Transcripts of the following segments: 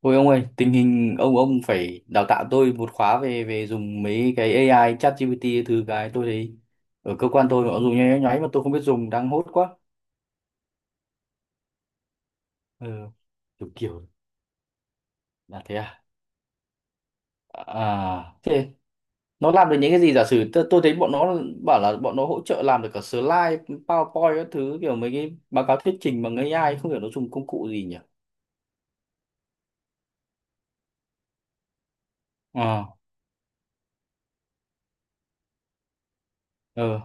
Ôi ông ơi, tình hình ông phải đào tạo tôi một khóa về về dùng mấy cái AI, ChatGPT thứ cái tôi thấy ở cơ quan tôi họ dùng nháy nháy mà tôi không biết dùng đang hốt quá. Ừ, kiểu kiểu là thế à? À, thế nó làm được những cái gì giả sử tôi thấy bọn nó bảo là bọn nó hỗ trợ làm được cả slide, PowerPoint các thứ kiểu mấy cái báo cáo thuyết trình bằng AI không hiểu nó dùng công cụ gì nhỉ? À, ờ,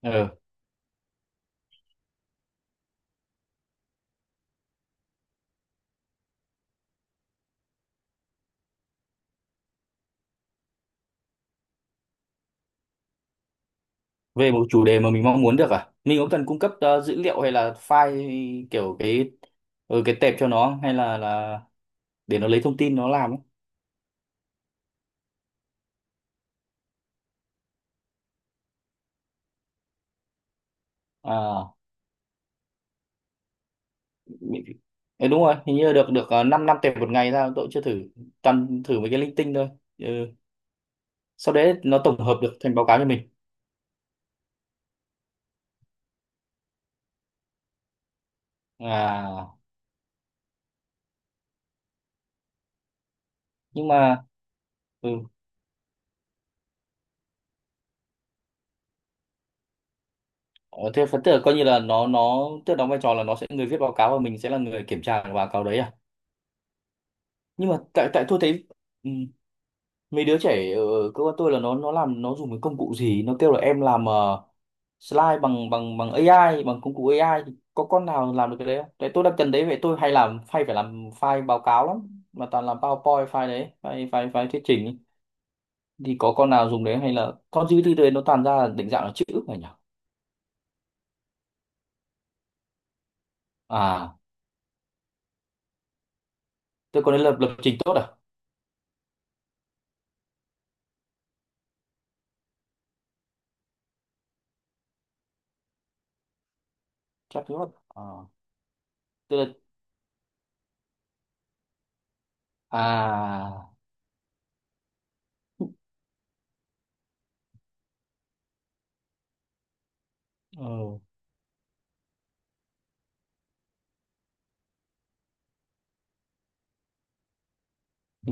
ờ. Về một chủ đề mà mình mong muốn được, à mình có cần cung cấp dữ liệu hay là file kiểu cái, ừ, cái tệp cho nó không? Hay là để nó lấy thông tin nó làm ấy? à mình- Ê, đúng rồi hình như được được 5 năm năm tệp một ngày, ra tôi cũng chưa thử, toàn thử mấy cái linh tinh thôi. Ừ, sau đấy nó tổng hợp được thành báo cáo cho mình à? Nhưng mà ừ, ờ, thế phần tức coi như là nó tức đóng vai trò là nó sẽ người viết báo cáo và mình sẽ là người kiểm tra cái báo cáo đấy à? Nhưng mà tại tại tôi thấy ừ, mấy đứa trẻ ở ở cơ quan tôi là nó làm nó dùng cái công cụ gì nó kêu là em làm slide bằng bằng bằng AI bằng công cụ AI thì có con nào làm được cái đấy không? Đấy tôi đang cần đấy, vậy tôi hay làm file, phải làm file báo cáo lắm mà toàn làm PowerPoint file đấy, file file file thuyết trình ấy. Thì có con nào dùng đấy hay là con GPT đấy nó toàn ra là định dạng là chữ phải nhỉ? À tôi có nên lập lập trình tốt à? Chắc tốt. À, tức là à ừ.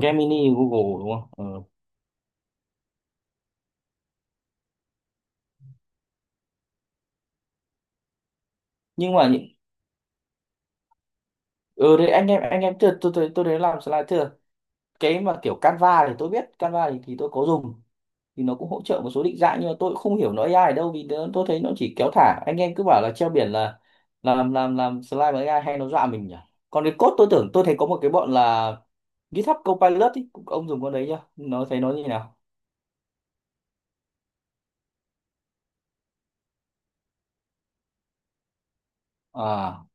Gemini Google đúng không? Ừ. Nhưng mà những- ừ đấy, anh em tôi đấy làm slide thưa, cái mà kiểu Canva thì tôi biết Canva thì tôi có dùng, thì nó cũng hỗ trợ một số định dạng nhưng mà tôi cũng không hiểu nó AI ở đâu vì nó, tôi thấy nó chỉ kéo thả, anh em cứ bảo là treo biển là làm slide bằng AI hay nó dọa mình nhỉ. Còn cái code tôi tưởng tôi thấy có một cái bọn là GitHub Copilot ý, ông dùng con đấy chưa, nó thấy nó như nào. À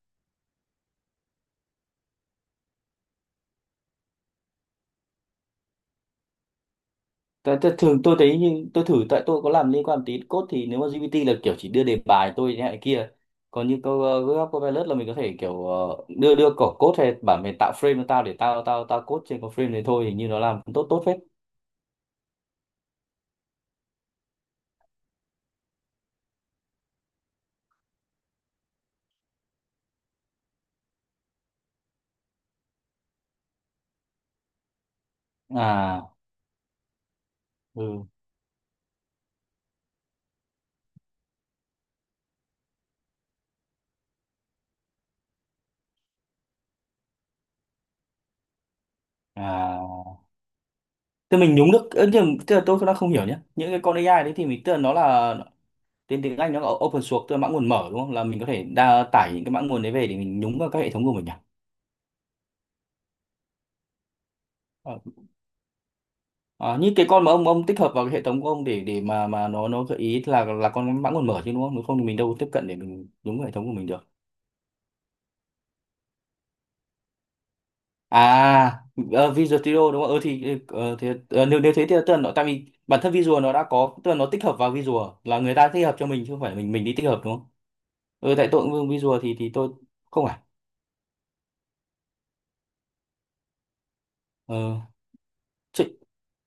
Tại thường tôi thấy như tôi thử, tại tôi có làm liên quan tí code thì nếu mà GPT là kiểu chỉ đưa đề bài tôi thế này kia, còn như câu Google Copilot là mình có thể kiểu đưa đưa cỏ code hay bản mềm, tạo frame cho tao để tao tao tao code trên cái frame đấy thôi, hình như nó làm cũng tốt tốt phết. À ừ à thế mình nhúng được ơ, nhưng tức là tôi đang không hiểu nhé, những cái con AI đấy thì mình tức là nó là tên tiếng Anh nó là open source tức là mã nguồn mở đúng không, là mình có thể đa tải những cái mã nguồn đấy về để mình nhúng vào các hệ thống của mình à. À, như cái con mà ông tích hợp vào cái hệ thống của ông để mà nó gợi ý là con mã nguồn mở chứ đúng không? Nếu không thì mình đâu tiếp cận để mình đúng hệ thống của mình được. À, ờ, Visual Studio đúng không? Ừ thì ờ, nếu nếu thế thì tức là nó tại vì bản thân Visual nó đã có, tức là nó tích hợp vào Visual là người ta tích hợp cho mình chứ không phải mình đi tích hợp đúng không? Ừ tại tôi cũng dùng Visual thì tôi không phải. Ờ chứ-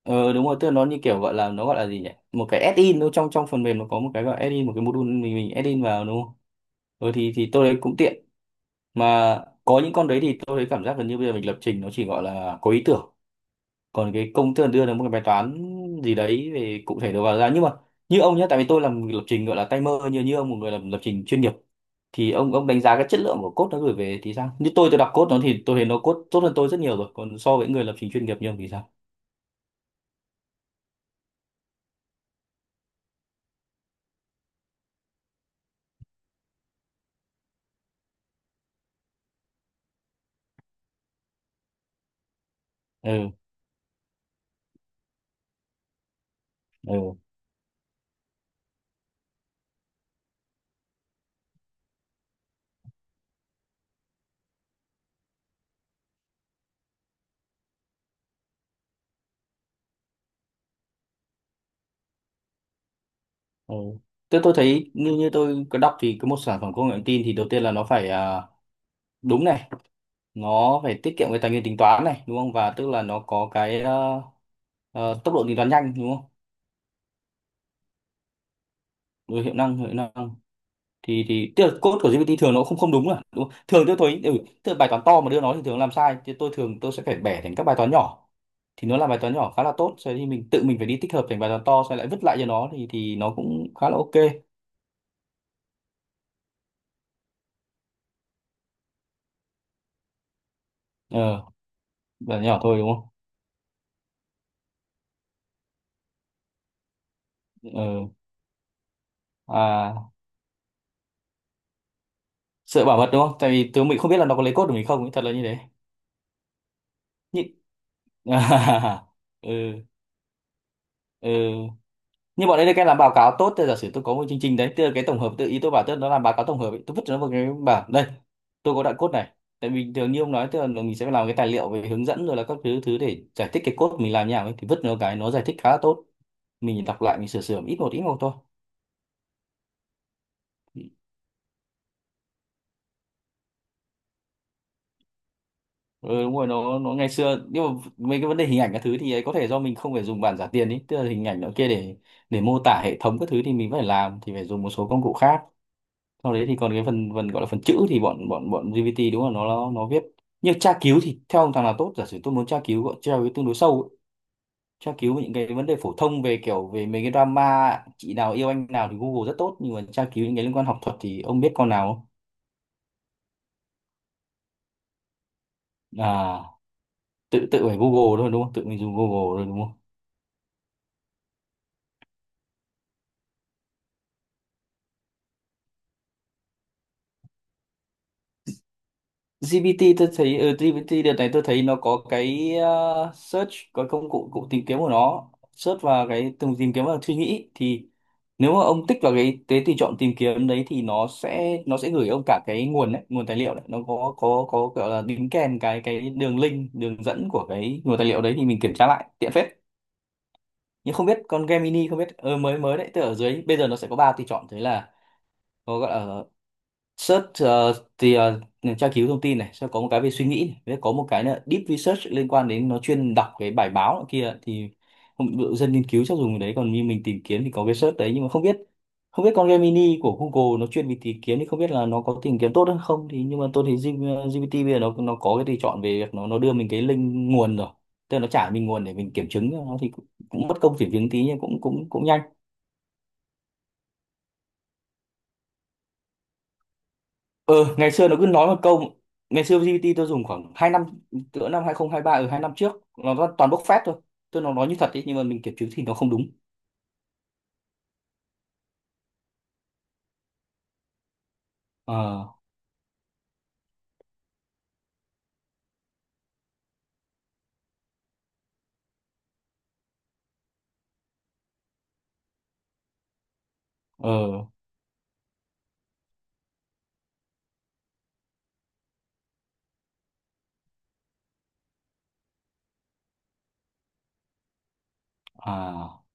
ờ, đúng rồi tức là nó như kiểu gọi là nó gọi là gì nhỉ? Một cái add-in, nó trong trong phần mềm nó có một cái gọi add-in, một cái module mình add-in vào đúng không? Ừ, thì tôi thấy cũng tiện mà, có những con đấy thì tôi thấy cảm giác gần như bây giờ mình lập trình nó chỉ gọi là có ý tưởng, còn cái công thức đưa được một cái bài toán gì đấy về cụ thể đầu vào ra, nhưng mà như ông nhé, tại vì tôi làm lập trình gọi là tay mơ, như như ông một người làm lập trình chuyên nghiệp thì ông đánh giá cái chất lượng của code nó gửi về thì sao, như tôi đọc code nó thì tôi thấy nó code tốt hơn tôi rất nhiều rồi, còn so với người lập trình chuyên nghiệp như ông thì sao? Ừ ừ ừ tôi thấy như như tôi có đọc thì cái một sản phẩm công nghệ thông tin thì đầu tiên là nó phải à, đúng này, nó phải tiết kiệm cái tài nguyên tính toán này đúng không, và tức là nó có cái ờ, ờ, tốc độ tính toán nhanh đúng không. Rồi hiệu năng, hiệu năng thì tức là code của GPT thường nó không không đúng là đúng không? Thường tôi thấy ừ, tức là bài toán to mà đưa nó thì thường làm sai, thì tôi thường tôi sẽ phải bẻ thành các bài toán nhỏ thì nó là bài toán nhỏ khá là tốt, sau thì mình tự mình phải đi tích hợp thành bài toán to xong lại vứt lại cho nó thì nó cũng khá là ok. Ờ bài nhỏ thôi đúng không. Ờ à sợ bảo mật đúng không, tại vì tôi mình không biết là nó có lấy code của mình không ấy, thật là như thế. Nhị- ừ. Ừ. Nhưng bọn đấy được cái làm báo cáo tốt, thì giả sử tôi có một chương trình đấy tức là cái tổng hợp tự ý tôi bảo, tức là nó làm báo cáo tổng hợp ấy, tôi vứt cho nó vào cái bản đây, tôi có đoạn code này, tại vì thường như ông nói tức là mình sẽ phải làm cái tài liệu về hướng dẫn rồi là các thứ thứ để giải thích cái code mình làm như nào ấy, thì vứt nó cái nó giải thích khá là tốt, mình đọc lại mình sửa sửa ít một thôi. Ừ, đúng rồi nó ngày xưa nhưng mà mấy cái vấn đề hình ảnh các thứ thì ấy có thể do mình không phải dùng bản giả tiền ý, tức là hình ảnh nó kia để mô tả hệ thống các thứ thì mình phải làm thì phải dùng một số công cụ khác, sau đấy thì còn cái phần phần gọi là phần chữ thì bọn bọn bọn GPT đúng là nó viết, nhưng tra cứu thì theo ông thằng nào tốt, giả sử tôi muốn tra cứu gọi tra cứu tương đối sâu ấy. Tra cứu về những cái vấn đề phổ thông về kiểu về mấy cái drama chị nào yêu anh nào thì Google rất tốt, nhưng mà tra cứu những cái liên quan học thuật thì ông biết con nào không? À tự tự phải Google thôi đúng không, tự mình dùng Google rồi đúng không. GPT tôi thấy ở GPT đợt này tôi thấy nó có cái search, có công cụ cụ tìm kiếm của nó, search và cái từng tìm kiếm và suy nghĩ thì nếu mà ông tích vào cái tùy chọn tìm kiếm đấy thì nó sẽ gửi ông cả cái nguồn đấy nguồn tài liệu đấy, nó có có kiểu là đính kèm cái đường link, đường dẫn của cái nguồn tài liệu đấy thì mình kiểm tra lại tiện phết. Nhưng không biết con Gemini không biết ờ, mới mới đấy tức ở dưới bây giờ nó sẽ có ba tùy chọn thế là có gọi là Search ờ, thì ờ, tra cứu thông tin này, sẽ có một cái về suy nghĩ này, với có một cái là deep research liên quan đến nó chuyên đọc cái bài báo nọ kia thì ví dụ dân nghiên cứu chắc dùng cái đấy, còn như mình tìm kiếm thì có cái search đấy, nhưng mà không biết không biết con Gemini của Google nó chuyên về tìm kiếm thì không biết là nó có tìm kiếm tốt hay không thì, nhưng mà tôi thấy GPT bây giờ nó có cái tùy chọn về việc nó đưa mình cái link nguồn rồi, tức là nó trả mình nguồn để mình kiểm chứng cho nó thì cũng, cũng mất công kiểm chứng tí nhưng cũng cũng cũng nhanh. Ờ, ngày xưa nó cứ nói một câu, ngày xưa GPT tôi dùng khoảng 2 năm, cỡ năm hai không 23, ở 2 năm trước nó toàn toàn bốc phét thôi, tôi nó nói như thật ý, nhưng mà mình kiểm chứng thì nó không đúng. Ờ ờ à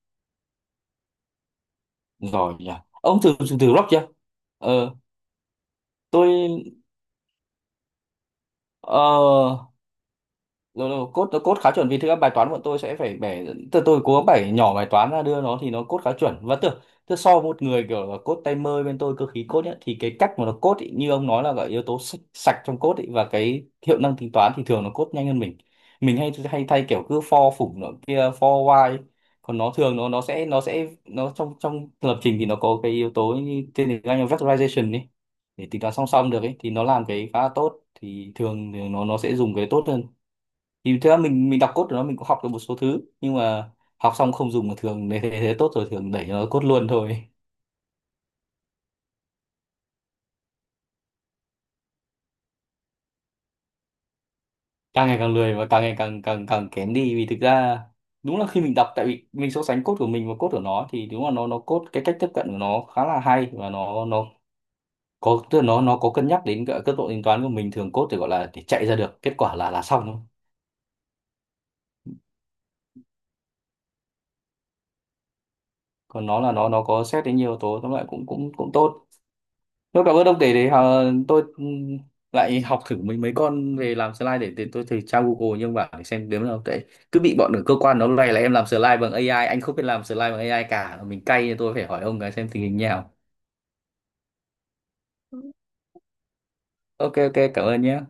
giỏi nhỉ. Ông thử thử rock chưa. Ờ tôi ờ lâu lâu code code khá chuẩn vì thực ra bài toán bọn tôi sẽ phải bẻ, tôi cố gắng bẻ nhỏ bài toán ra đưa nó thì nó code khá chuẩn, và tưởng tức so với một người kiểu là code tay mơ bên tôi cơ khí code ấy, thì cái cách mà nó code ý, như ông nói là gọi yếu tố sạch, sạch trong code ý, và cái hiệu năng tính toán thì thường nó code nhanh hơn mình hay hay thay kiểu cứ for phủng nó kia for while, còn nó thường nó sẽ trong trong lập trình thì nó có cái yếu tố như tên tiếng Anh là vectorization ấy, để tính toán song song được ấy thì nó làm cái khá là tốt, thì thường thì nó sẽ dùng cái tốt hơn, thì thực ra mình đọc code của nó mình cũng học được một số thứ nhưng mà học xong không dùng, mà thường nếu thế, thế tốt rồi thường đẩy nó code luôn thôi. càng ngày càng lười và càng ngày càng càng càng kém đi vì thực ra đúng là khi mình đọc tại vì mình so sánh code của mình và code của nó thì đúng là nó code cái cách tiếp cận của nó khá là hay, và nó có tức là nó có cân nhắc đến cả cấp độ tính toán của mình, thường code thì gọi là để chạy ra được kết quả là xong thôi, còn nó là nó có xét đến nhiều yếu tố, tóm lại cũng cũng cũng tốt. Thôi cảm ơn ông để tôi lại học thử mấy mấy con về làm slide để tôi thử tra Google nhưng mà để xem đếm nào tệ, cứ bị bọn ở cơ quan nó này là em làm slide bằng AI anh không biết làm slide bằng AI cả mình cay nên tôi phải hỏi ông cái xem tình hình như nào. Ok ok cảm ơn nhé.